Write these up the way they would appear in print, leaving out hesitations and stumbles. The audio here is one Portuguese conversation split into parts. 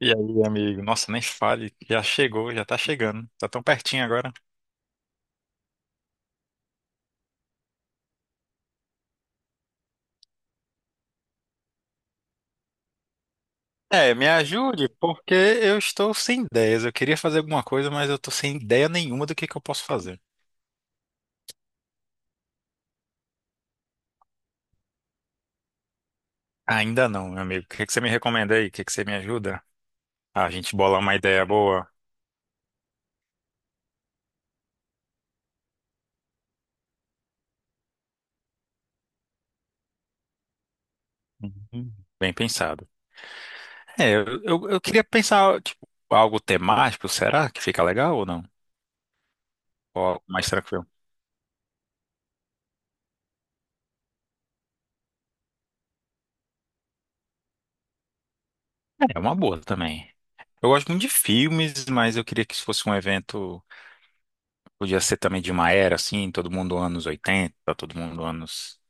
E aí, amigo? Nossa, nem fale, já chegou, já tá chegando, tá tão pertinho agora. É, me ajude, porque eu estou sem ideias. Eu queria fazer alguma coisa, mas eu tô sem ideia nenhuma do que eu posso fazer. Ainda não, meu amigo. O que você me recomenda aí? O que você me ajuda? A gente bolar uma ideia boa. Uhum. Bem pensado. É, eu queria pensar, tipo, algo temático, será que fica legal ou não? Ou algo mais tranquilo? É uma boa também. Eu gosto muito de filmes, mas eu queria que isso fosse um evento. Podia ser também de uma era assim, todo mundo anos 80, todo mundo anos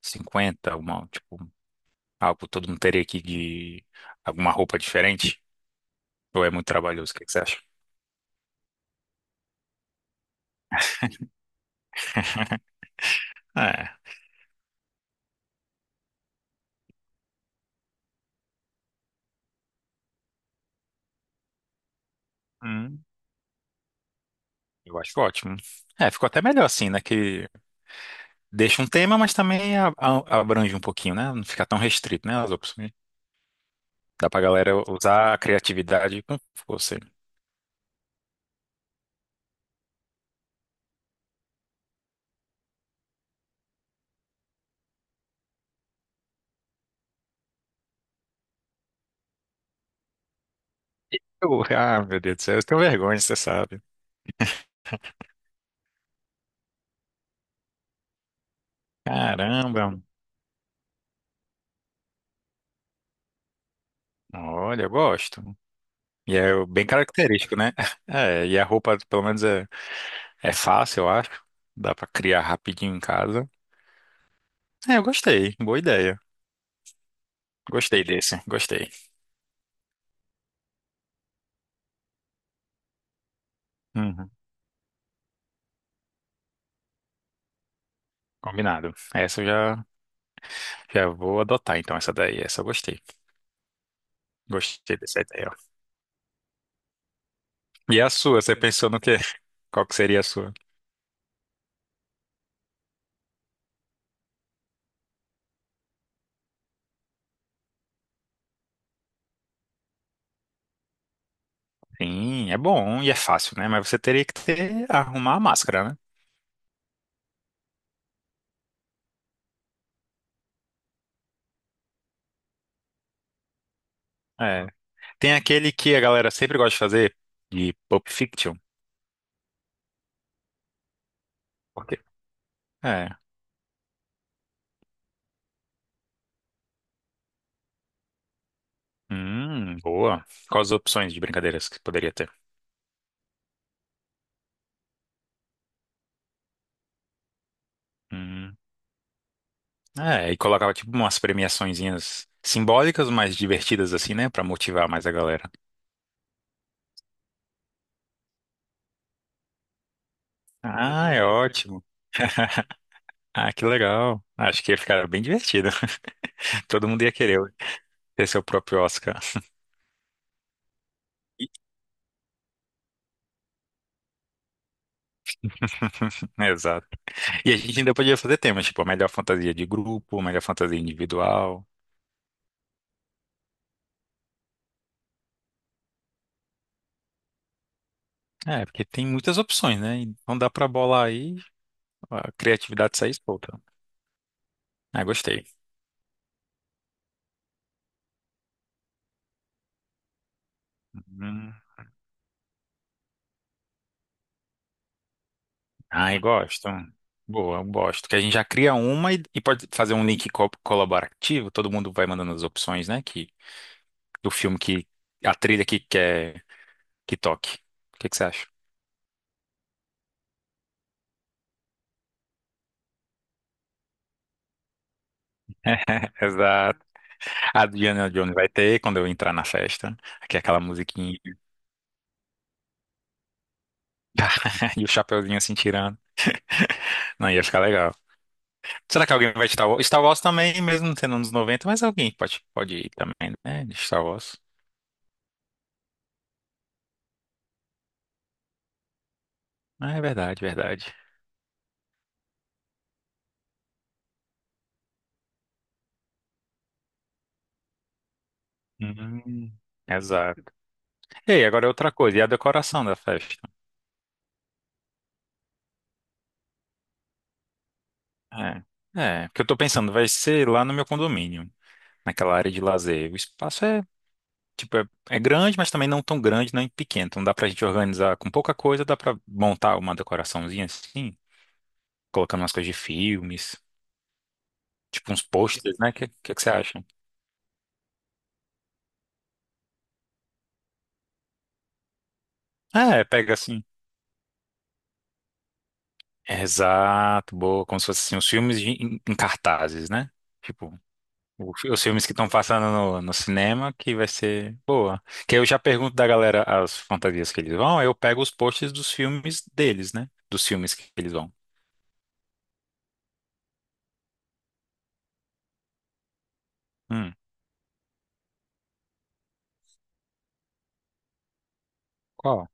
cinquenta uma, tipo, algo todo mundo teria aqui de alguma roupa diferente. Ou é muito trabalhoso, o que você acha? É, hum, eu acho ótimo. É, ficou até melhor assim, né? Que deixa um tema, mas também abrange um pouquinho, né? Não fica tão restrito, né? As opções. Dá pra galera usar a criatividade com força. Ah, meu Deus do céu, eu tenho vergonha, você sabe. Caramba, olha, eu gosto. E é bem característico, né? É, e a roupa, pelo menos, é fácil, eu acho. Dá pra criar rapidinho em casa. É, eu gostei. Boa ideia. Gostei desse. Gostei. Uhum. Combinado. Já vou adotar, então, essa daí. Essa eu gostei. Gostei dessa ideia. E a sua? Você pensou no quê? Qual que seria a sua? Sim, é bom e é fácil, né? Mas você teria que ter, arrumar a máscara, né? É. Tem aquele que a galera sempre gosta de fazer, de Pulp Fiction. Por quê? Boa. Quais as opções de brincadeiras que poderia ter? Hum. É, e colocava tipo umas premiaçõezinhas simbólicas, mas divertidas assim, né? Pra motivar mais a galera. Ah, é ótimo. Ah, que legal. Acho que ia ficar bem divertido. Todo mundo ia querer ter seu próprio Oscar. E- Exato. E a gente ainda podia fazer temas, tipo a melhor fantasia de grupo, a melhor fantasia individual. É, porque tem muitas opções, né? Então dá pra bolar aí, a criatividade sai solta. Ah, gostei. Hum. Ai, gosto. Boa, eu gosto. Que a gente já cria uma e pode fazer um link colaborativo. Todo mundo vai mandando as opções, né? Do filme que a trilha que quer que toque. O que você acha? Exato. A Diana Jones vai ter quando eu entrar na festa. Aqui é aquela musiquinha e o chapeuzinho assim tirando. Não, ia ficar legal. Será que alguém vai de Star Wars? Star Wars também, mesmo sendo anos 90? Mas alguém pode ir também, né? De Star Wars. Ah, é verdade, verdade. Hum, exato. Ei, agora é outra coisa, e a decoração da festa? É, porque eu tô pensando, vai ser lá no meu condomínio, naquela área de lazer. O espaço é, tipo, é grande, mas também não tão grande, nem pequeno. Então dá pra gente organizar com pouca coisa, dá pra montar uma decoraçãozinha assim, colocando umas coisas de filmes, tipo uns posters, né? O que você acha? É, pega assim. Exato, boa, como se fosse assim, os em, em cartazes, né? Tipo, o os filmes que estão passando no cinema, que vai ser boa. Que aí eu já pergunto da galera as fantasias que eles vão, aí eu pego os posts dos filmes deles, né? Dos filmes que eles vão. Hum, qual?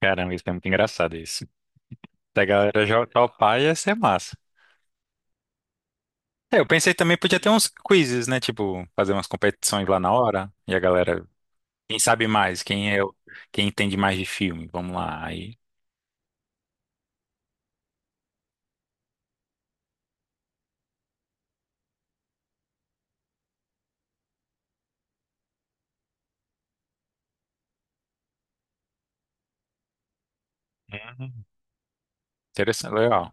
Caramba, isso é muito engraçado isso. Da galera já topar ia ser massa. É, eu pensei também podia ter uns quizzes, né? Tipo, fazer umas competições lá na hora e a galera, quem sabe mais, quem entende mais de filme, vamos lá. Aí, uhum, interessante, legal.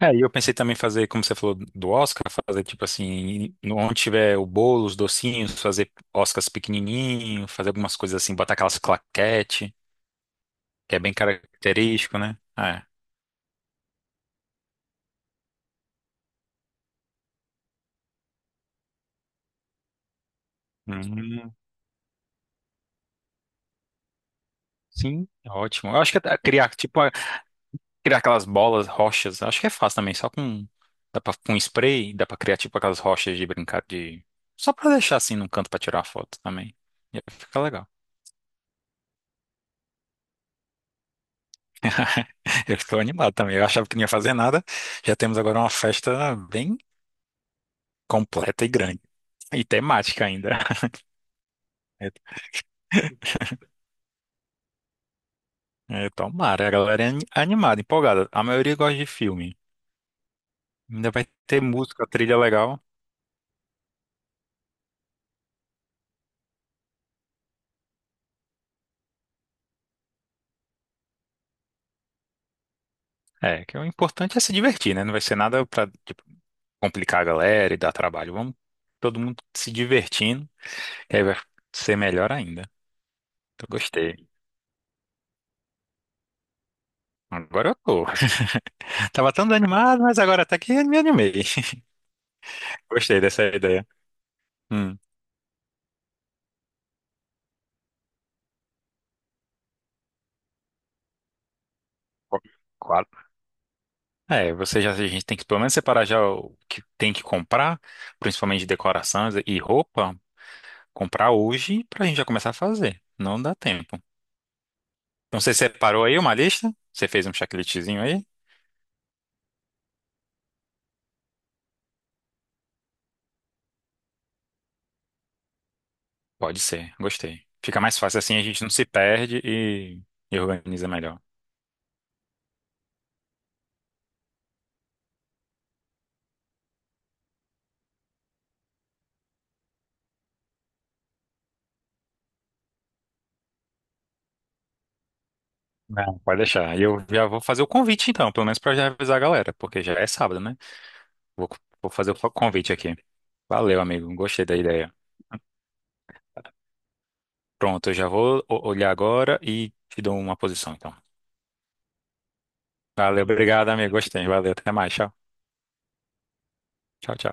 É, e eu pensei também fazer, como você falou do Oscar, fazer tipo assim, onde tiver o bolo, os docinhos, fazer Oscars pequenininho, fazer algumas coisas assim, botar aquelas claquete, que é bem característico, né? É. Uhum. Sim, é ótimo. Eu acho que até criar, criar aquelas bolas, rochas, acho que é fácil também, dá pra, com spray, dá pra criar tipo aquelas rochas de brincar de, só pra deixar assim num canto pra tirar a foto também. E aí fica legal. Eu estou animado também. Eu achava que não ia fazer nada. Já temos agora uma festa bem completa e grande. E temática ainda. Tomara. A galera é animada, empolgada. A maioria gosta de filme. Ainda vai ter música, trilha legal. É, que o importante é se divertir, né? Não vai ser nada pra, tipo, complicar a galera e dar trabalho. Vamos todo mundo se divertindo, que aí vai ser melhor ainda. Eu gostei. Agora eu tô. Tava tão desanimado, mas agora até que me animei. Gostei dessa ideia. Hum. Claro. É, a gente tem que pelo menos separar já o que tem que comprar, principalmente de decorações e roupa, comprar hoje pra gente já começar a fazer. Não dá tempo. Então você separou aí uma lista? Você fez um checklistzinho aí? Pode ser, gostei. Fica mais fácil assim, a gente não se perde e organiza melhor. Não, pode deixar. E eu já vou fazer o convite então, pelo menos pra já avisar a galera, porque já é sábado, né? Vou, vou fazer o convite aqui. Valeu, amigo. Gostei da ideia. Pronto, eu já olhar agora e te dou uma posição, então. Valeu, obrigado, amigo. Gostei. Valeu, até mais. Tchau. Tchau, tchau.